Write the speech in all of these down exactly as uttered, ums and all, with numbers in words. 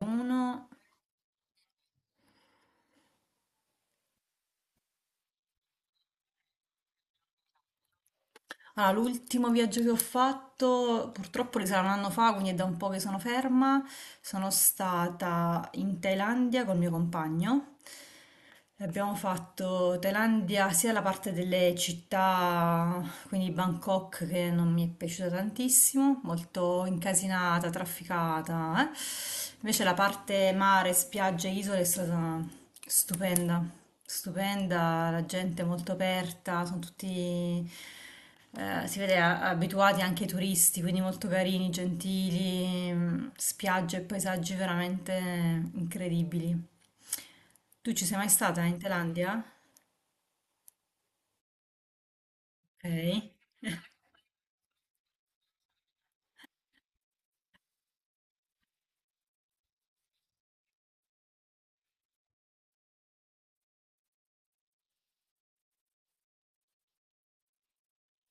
Uno Allora, l'ultimo viaggio che ho fatto, purtroppo risale a un anno fa, quindi è da un po' che sono ferma. Sono stata in Thailandia col mio compagno. Abbiamo fatto Thailandia sia la parte delle città, quindi Bangkok, che non mi è piaciuta tantissimo, molto incasinata, trafficata, eh. Invece la parte mare, spiagge, isole è stata stupenda, stupenda, la gente è molto aperta, sono tutti eh, si vede a- abituati anche ai turisti, quindi molto carini, gentili, mm, spiagge e paesaggi veramente incredibili. Tu ci sei mai stata in Thailandia? Ok.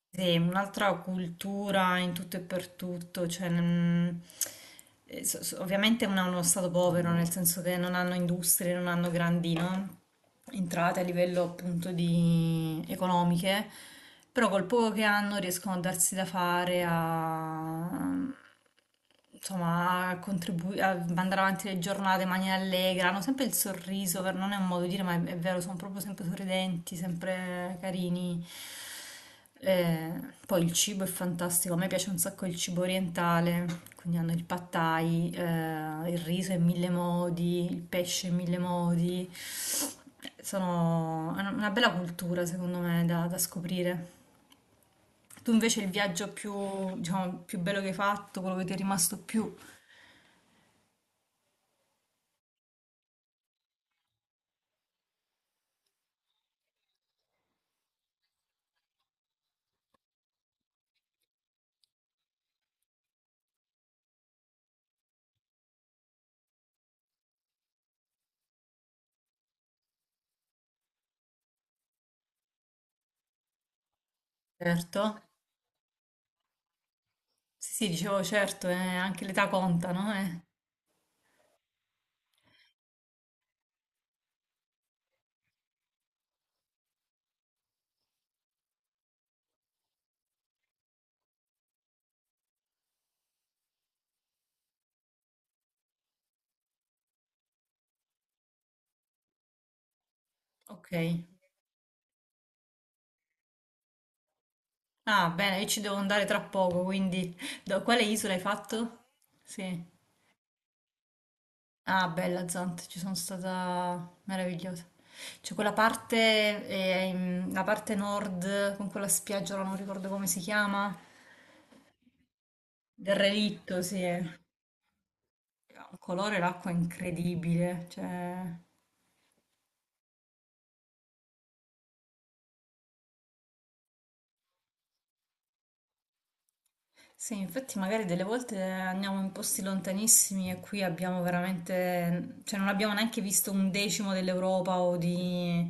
Sì, un'altra cultura in tutto e per tutto, cioè, mm, eh, so- so- ovviamente non è uno stato povero, nel senso che non hanno industrie, non hanno grandi, no? Entrate a livello appunto di economiche, però col poco che hanno riescono a darsi da fare a insomma, a contribu- a mandare avanti le giornate in maniera allegra, hanno sempre il sorriso, per- non è un modo di dire, ma è, è vero, sono proprio sempre sorridenti, sempre carini. Eh, poi il cibo è fantastico, a me piace un sacco il cibo orientale, quindi hanno il pad thai, eh, il riso in mille modi, il pesce in mille modi. Sono è una una bella cultura, secondo me, da, da scoprire. Tu invece il viaggio più, diciamo, più bello che hai fatto, quello che ti è rimasto più certo, sì, sì, dicevo certo, eh, anche l'età conta, no? Eh, ok. Ah, bene, io ci devo andare tra poco, quindi da quale isola hai fatto? Sì. Ah, bella Zant, ci sono stata meravigliosa. C'è quella parte, eh, in- la parte nord, con quella spiaggia, ora non ricordo come si chiama, del relitto, sì. Eh. Ha un colore, l'acqua incredibile, cioè... Sì, infatti magari delle volte andiamo in posti lontanissimi e qui abbiamo veramente, cioè non abbiamo neanche visto un decimo dell'Europa o di,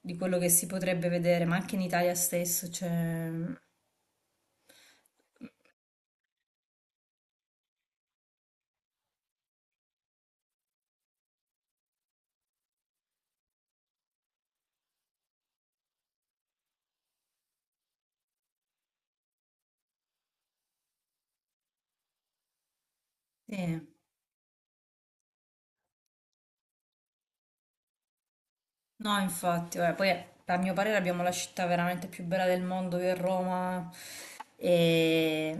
di quello che si potrebbe vedere, ma anche in Italia stesso, cioè... Sì. No, infatti, guarda, poi eh, a mio parere abbiamo la città veramente più bella del mondo che è Roma, e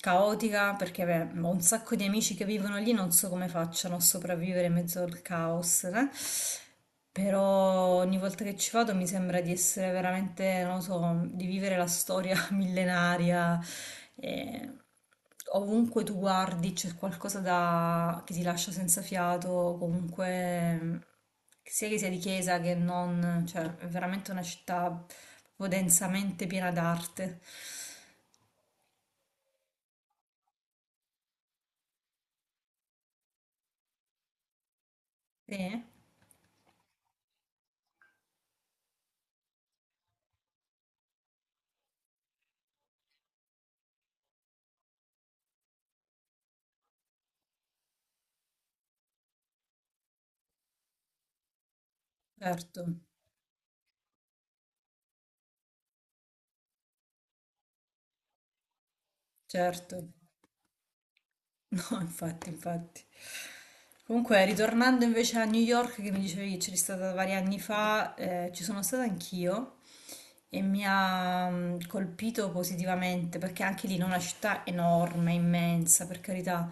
caotica perché beh, ho un sacco di amici che vivono lì, non so come facciano a sopravvivere in mezzo al caos, eh. Però ogni volta che ci vado mi sembra di essere veramente, non lo so, di vivere la storia millenaria. Eh, ovunque tu guardi c'è qualcosa da- che ti lascia senza fiato, comunque mh, sia che sia di chiesa che non, cioè è veramente una città proprio densamente piena d'arte. Sì, certo, certo. No, infatti, infatti. Comunque, ritornando invece a New York, che mi dicevi che c'eri stata vari anni fa, eh, ci sono stata anch'io. E mi ha mm, colpito positivamente perché anche lì non è una città enorme, immensa, per carità,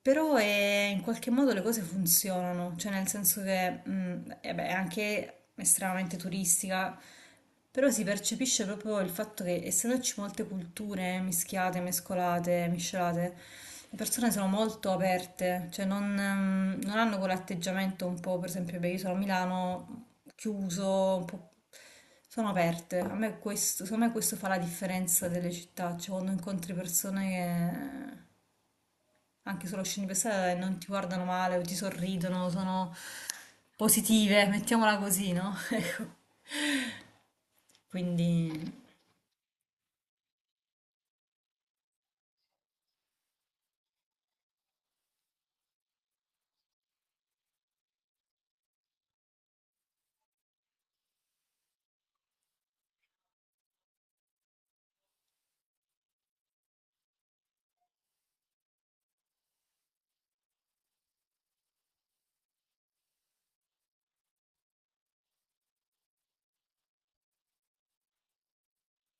però eh, in qualche modo le cose funzionano, cioè nel senso che mm, eh beh, è anche estremamente turistica, però si percepisce proprio il fatto che essendoci molte culture mischiate, mescolate, miscelate, le persone sono molto aperte, cioè non, ehm, non hanno quell'atteggiamento un po', per esempio, beh, io sono a Milano chiuso, un po'... sono aperte. A me questo, secondo me questo fa la differenza delle città, cioè quando incontri persone che anche solo scene pensate non ti guardano male o ti sorridono, sono positive, mettiamola così, no? Ecco, quindi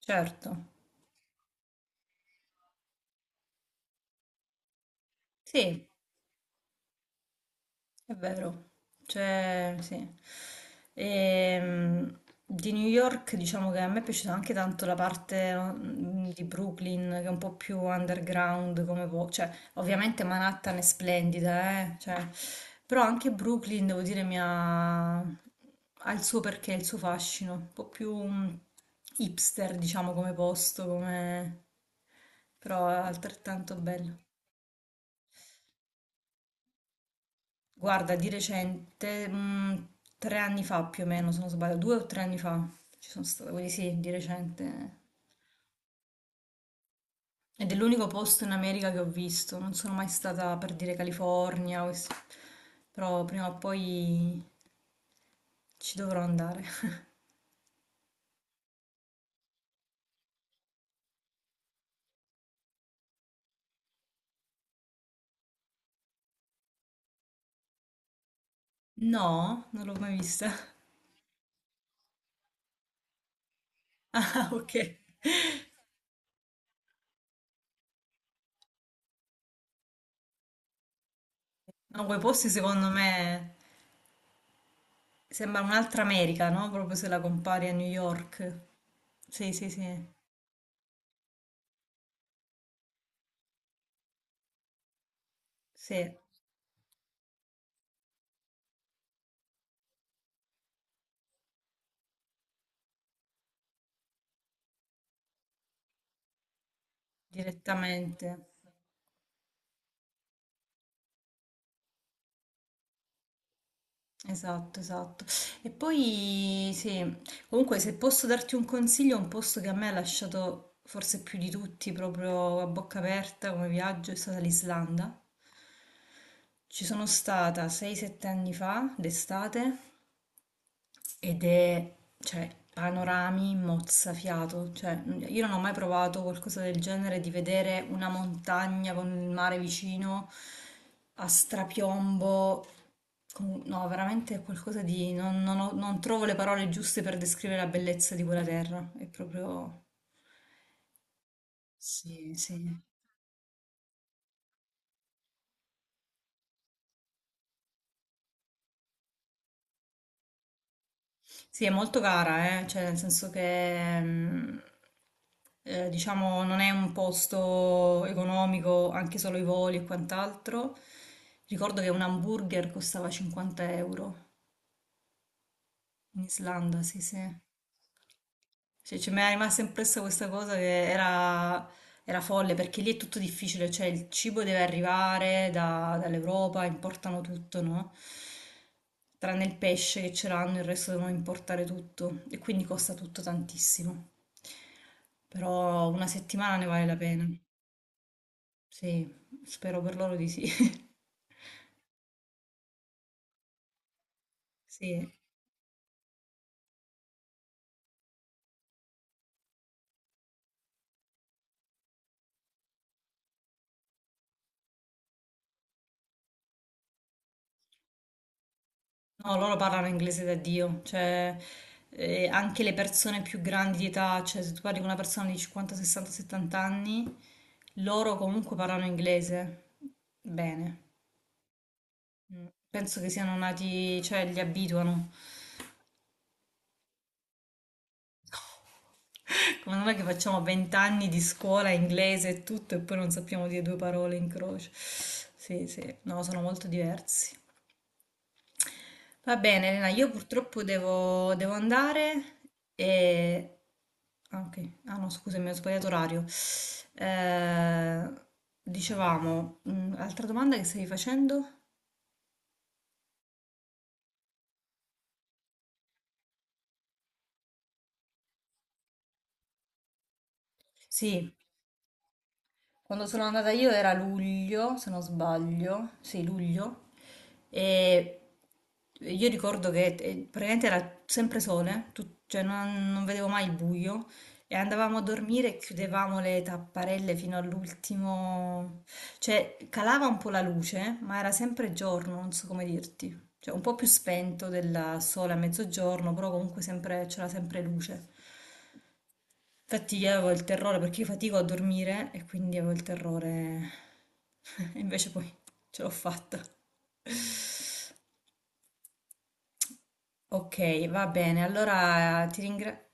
certo, sì, è vero, cioè sì. Ehm, di New York diciamo che a me è piaciuta anche tanto la parte mm, di Brooklyn che è un po' più underground come po- cioè ovviamente Manhattan è splendida, eh, cioè, però anche Brooklyn devo dire mi ha... ha il suo perché, il suo fascino, un po' più mm, hipster diciamo come posto, come... però è altrettanto bello. Guarda, di recente, mh, tre anni fa più o meno, se non sbaglio, due o tre anni fa ci sono stata, quindi sì, di recente. Ed è l'unico posto in America che ho visto, non sono mai stata per dire California, quest- però prima o poi ci dovrò andare. No, non l'ho mai vista. Ah, ok. No, quei posti secondo me sembra un'altra America, no? Proprio se la compari a New York. Sì, sì, sì, sì, direttamente. Esatto, esatto. E poi sì, comunque se posso darti un consiglio, un posto che a me ha lasciato forse più di tutti proprio a bocca aperta come viaggio è stata l'Islanda. Ci sono stata sei sette anni fa, d'estate, ed è, cioè, panorami mozzafiato, cioè, io non ho mai provato qualcosa del genere di vedere una montagna con il mare vicino a strapiombo. Con- No, veramente è qualcosa di... Non, non ho- non trovo le parole giuste per descrivere la bellezza di quella terra. È proprio... Sì. Sì. Sì, è molto cara, eh, cioè, nel senso che mm, eh, diciamo non è un posto economico, anche solo i voli e quant'altro. Ricordo che un hamburger costava cinquanta euro in Islanda, sì, sì. Sì, cioè, mi è rimasta impressa questa cosa che era, era folle perché lì è tutto difficile, cioè il cibo deve arrivare da- dall'Europa, importano tutto, no? Tranne il pesce che ce l'hanno, il resto devono importare tutto e quindi costa tutto tantissimo. Però una settimana ne vale la pena. Sì, spero per loro di sì. Sì. No, loro parlano inglese da Dio, cioè eh, anche le persone più grandi di età, cioè se tu parli con una persona di cinquanta, sessanta, settanta anni, loro comunque parlano inglese bene. Mm. Penso che siano nati, cioè li abituano. Come non è che facciamo venti anni di scuola inglese e tutto e poi non sappiamo dire due parole in croce. Sì, sì, no, sono molto diversi. Va bene, Elena, io purtroppo devo, devo andare e... Ah, ok. Ah, no, scusami, ho sbagliato orario. Eh, dicevamo, mm, altra domanda che stavi facendo? Sì, quando sono andata io era luglio, se non sbaglio, sì, luglio, e io ricordo che eh, praticamente era sempre sole, tu- cioè non, non vedevo mai il buio, e andavamo a dormire e chiudevamo le tapparelle fino all'ultimo, cioè calava un po' la luce, ma era sempre giorno, non so come dirti, cioè un po' più spento del sole a mezzogiorno, però comunque sempre- c'era sempre luce. Infatti io avevo il terrore perché io fatico a dormire e quindi avevo il terrore. E invece poi ce l'ho fatta. Ok, va bene. Allora ti ringrazio.